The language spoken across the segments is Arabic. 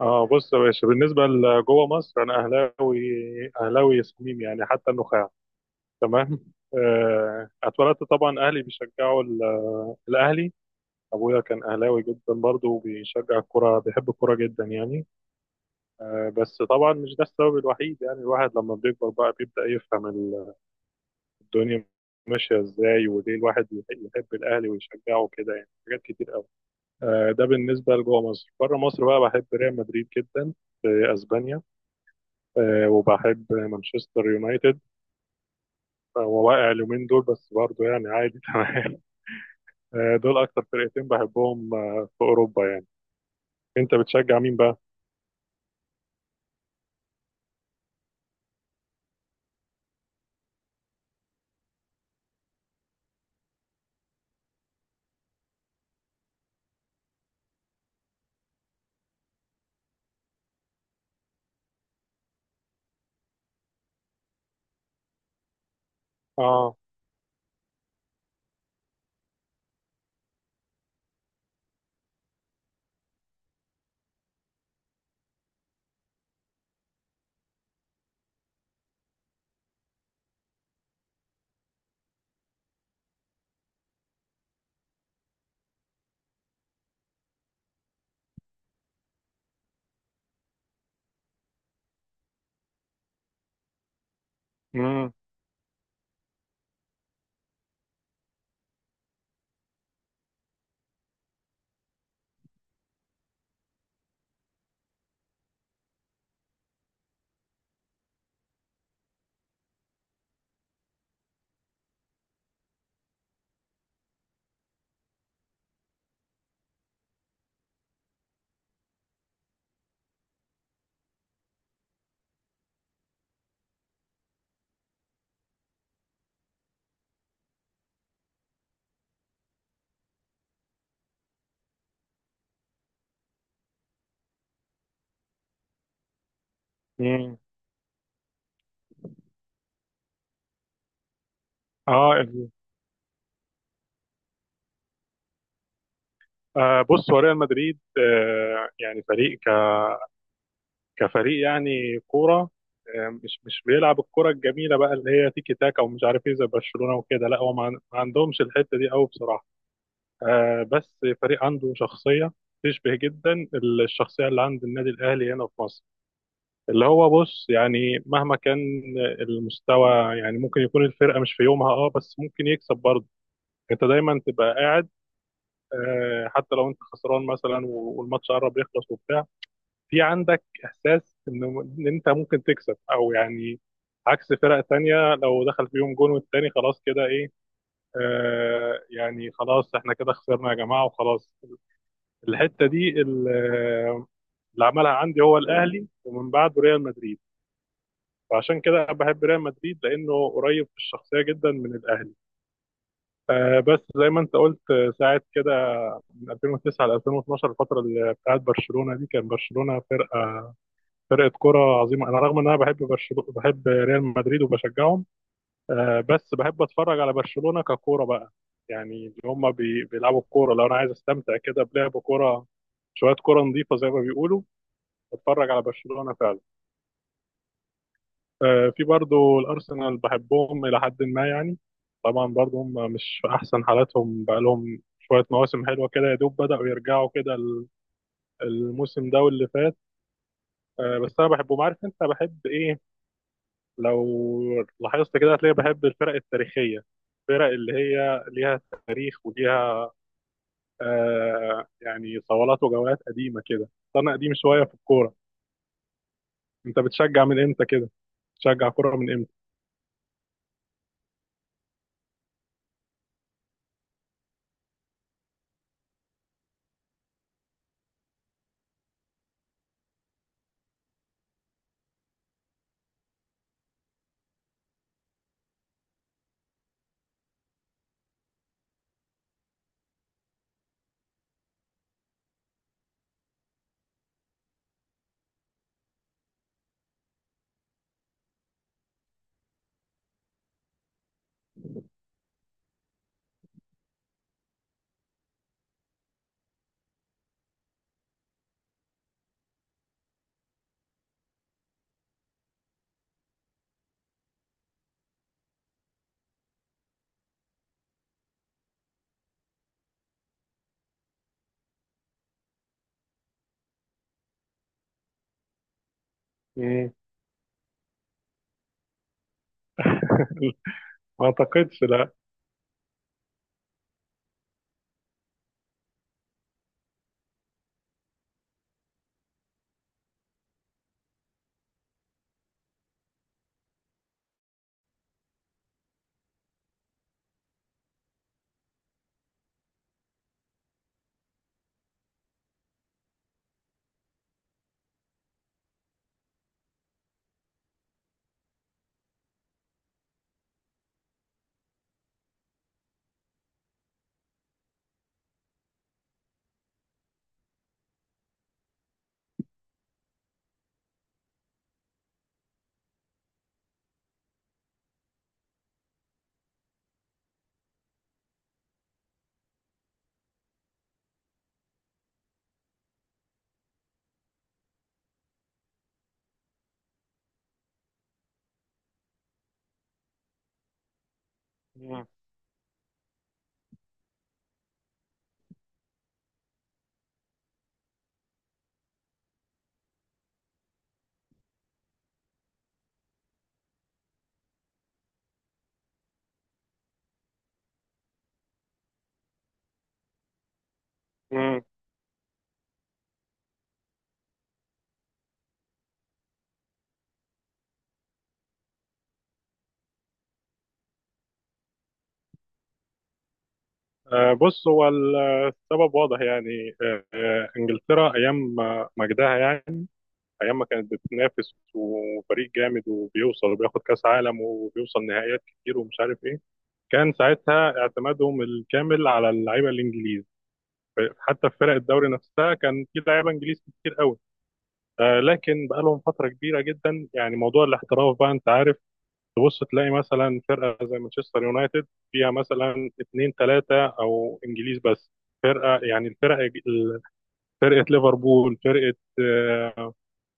اه، بص يا باشا. بالنسبه لجوه مصر انا اهلاوي، اهلاوي صميم يعني حتى النخاع. تمام. اتولدت طبعا اهلي بيشجعوا الاهلي. ابويا كان اهلاوي جدا برضه، وبيشجع الكوره، بيحب الكوره جدا يعني. بس طبعا مش ده السبب الوحيد، يعني الواحد لما بيكبر بقى بيبدا يفهم الدنيا ماشيه ازاي، وليه الواحد يحب الاهلي ويشجعه كده، يعني حاجات كتير قوي. ده بالنسبه لجوه مصر. بره مصر بقى بحب ريال مدريد جدا، في اسبانيا. وبحب مانشستر يونايتد. هو واقع اليومين دول بس، برضه يعني عادي. تمام. دول اكتر فرقتين بحبهم، في اوروبا يعني. انت بتشجع مين بقى؟ اه امم امم اه، بص هو ريال مدريد. يعني فريق كفريق، يعني كوره، مش بيلعب الكوره الجميله بقى، اللي هي تيكي تاكا ومش عارف ايه زي برشلونه وكده. لا، هو ما عندهمش الحته دي قوي بصراحه. آه، بس فريق عنده شخصية تشبه جدا الشخصية اللي عند النادي الأهلي هنا في مصر. اللي هو، بص، يعني مهما كان المستوى، يعني ممكن يكون الفرقة مش في يومها، اه، بس ممكن يكسب برضه. انت دايما تبقى قاعد، حتى لو انت خسران مثلا والماتش قرب يخلص وبتاع، في عندك إحساس إن انت ممكن تكسب، أو يعني عكس فرق تانية، لو دخل فيهم جون والتاني خلاص كده ايه، يعني خلاص احنا كده خسرنا يا جماعة وخلاص. الحته دي اللي عملها عندي هو الاهلي، ومن بعده ريال مدريد. فعشان كده بحب ريال مدريد لانه قريب في الشخصيه جدا من الاهلي. بس زي ما انت قلت، ساعه كده من 2009 ل 2012، الفتره اللي بتاعت برشلونه دي، كان برشلونه فرقه كره عظيمه. انا رغم ان انا بحب برشلونه، بحب ريال مدريد وبشجعهم. بس بحب اتفرج على برشلونه ككوره بقى، يعني اللي هم بيلعبوا الكوره. لو انا عايز استمتع كده بلعب كوره، شويه كوره نظيفه زي ما بيقولوا، بتفرج على برشلونة فعلا. في برضو الأرسنال بحبهم إلى حد ما يعني. طبعا برضو هم مش في أحسن حالاتهم، بقالهم شوية مواسم حلوة كده يا دوب بدأوا يرجعوا كده الموسم ده واللي فات. بس أنا بحبهم. عارف أنت بحب إيه؟ لو لاحظت كده هتلاقي بحب الفرق التاريخية، الفرق اللي هي ليها تاريخ وليها يعني صولات وجولات قديمة كده. أنا قديم شوية في الكورة. أنت بتشجع من إمتى كده؟ بتشجع كورة من إمتى؟ مم. ما اعتقدش، لا. مم. مم. بص هو السبب واضح يعني. انجلترا ايام مجدها يعني، ايام ما كانت بتنافس وفريق جامد وبيوصل وبياخد كاس عالم وبيوصل نهائيات كتير ومش عارف ايه، كان ساعتها اعتمادهم الكامل على اللعيبه الانجليز. حتى في فرق الدوري نفسها كان في لعيبه انجليز كتير قوي. لكن بقالهم فتره كبيره جدا، يعني موضوع الاحتراف بقى، انت عارف، تبص تلاقي مثلا فرقه زي مانشستر يونايتد فيها مثلا اثنين ثلاثه او انجليز بس. فرقه، يعني الفرقه، فرقه ليفربول، فرقه،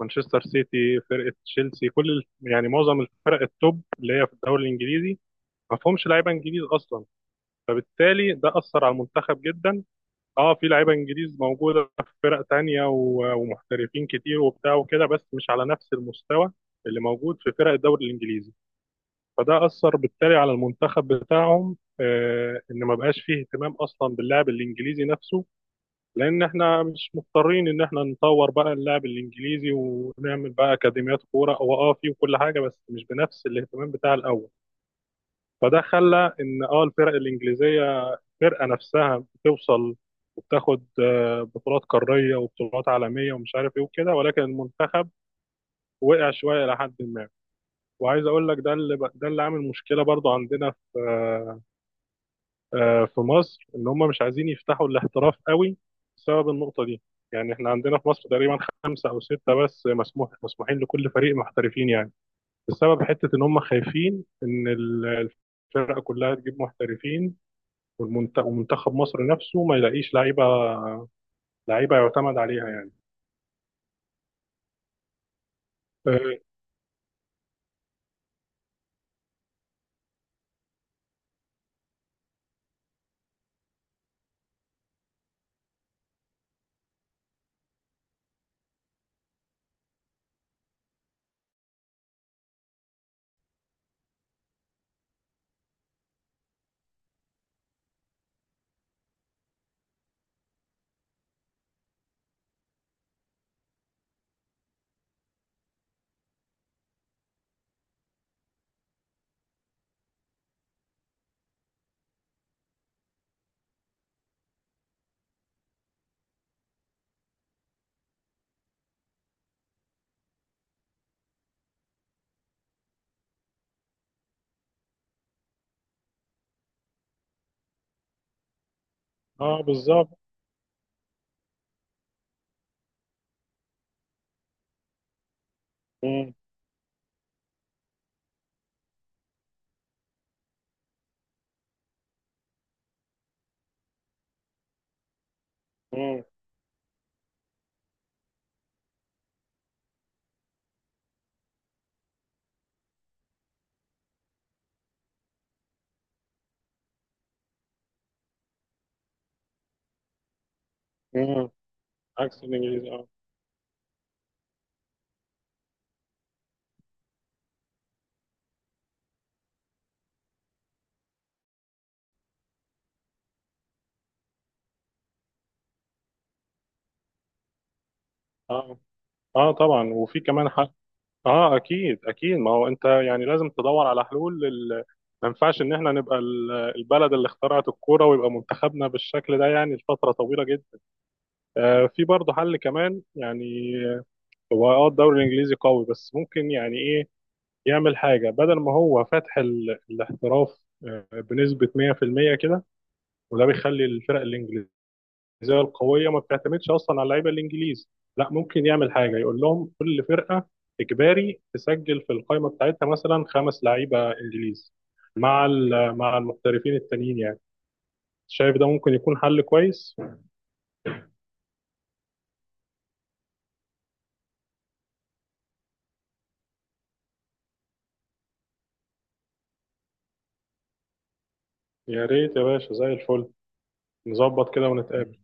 مانشستر سيتي، فرقه تشيلسي، كل يعني معظم الفرق التوب اللي هي في الدوري الانجليزي ما فيهمش لعيبه انجليز اصلا. فبالتالي ده اثر على المنتخب جدا. اه، في لعيبه انجليز موجوده في فرق تانية ومحترفين كتير وبتاع وكده، بس مش على نفس المستوى اللي موجود في فرق الدوري الانجليزي. فده أثر بالتالي على المنتخب بتاعهم، إن ما بقاش فيه اهتمام أصلا باللاعب الإنجليزي نفسه. لأن إحنا مش مضطرين إن إحنا نطور بقى اللاعب الإنجليزي ونعمل بقى أكاديميات كورة، هو فيه وكل حاجة، بس مش بنفس الاهتمام بتاع الأول. فده خلى إن الفرق الإنجليزية، الفرقة نفسها بتوصل وبتاخد بطولات قارية وبطولات عالمية ومش عارف إيه وكده، ولكن المنتخب وقع شوية إلى حد ما. وعايز أقول لك ده اللي عامل مشكلة برضو عندنا في آه، آه، في مصر، ان هم مش عايزين يفتحوا الاحتراف قوي بسبب النقطه دي. يعني احنا عندنا في مصر تقريبا خمسه او سته بس مسموحين لكل فريق محترفين يعني، بسبب حته ان هم خايفين ان الفرقه كلها تجيب محترفين، ومنتخب مصر نفسه ما يلاقيش لعيبه يعتمد عليها يعني. اه. بالظبط. مم. مم. مم. عكس الانجليزي، اه. اه، اه، طبعا. وفي كمان، اه، اكيد اكيد. ما هو انت يعني لازم تدور على حلول ما ينفعش ان احنا نبقى البلد اللي اخترعت الكوره ويبقى منتخبنا بالشكل ده يعني لفتره طويله جدا. في برضه حل كمان يعني، هو الدوري الانجليزي قوي، بس ممكن يعني ايه، يعمل حاجه. بدل ما هو فاتح الاحتراف بنسبه 100% كده، وده بيخلي الفرق الانجليزيه التجهيزيه القويه ما بتعتمدش اصلا على اللعيبه الانجليز، لا ممكن يعمل حاجه يقول لهم كل فرقه اجباري تسجل في القائمه بتاعتها مثلا خمس لعيبه انجليز، مع مع المحترفين التانيين يعني. شايف ده ممكن يكون حل كويس؟ يا ريت يا باشا، زي الفل. نظبط كده ونتقابل.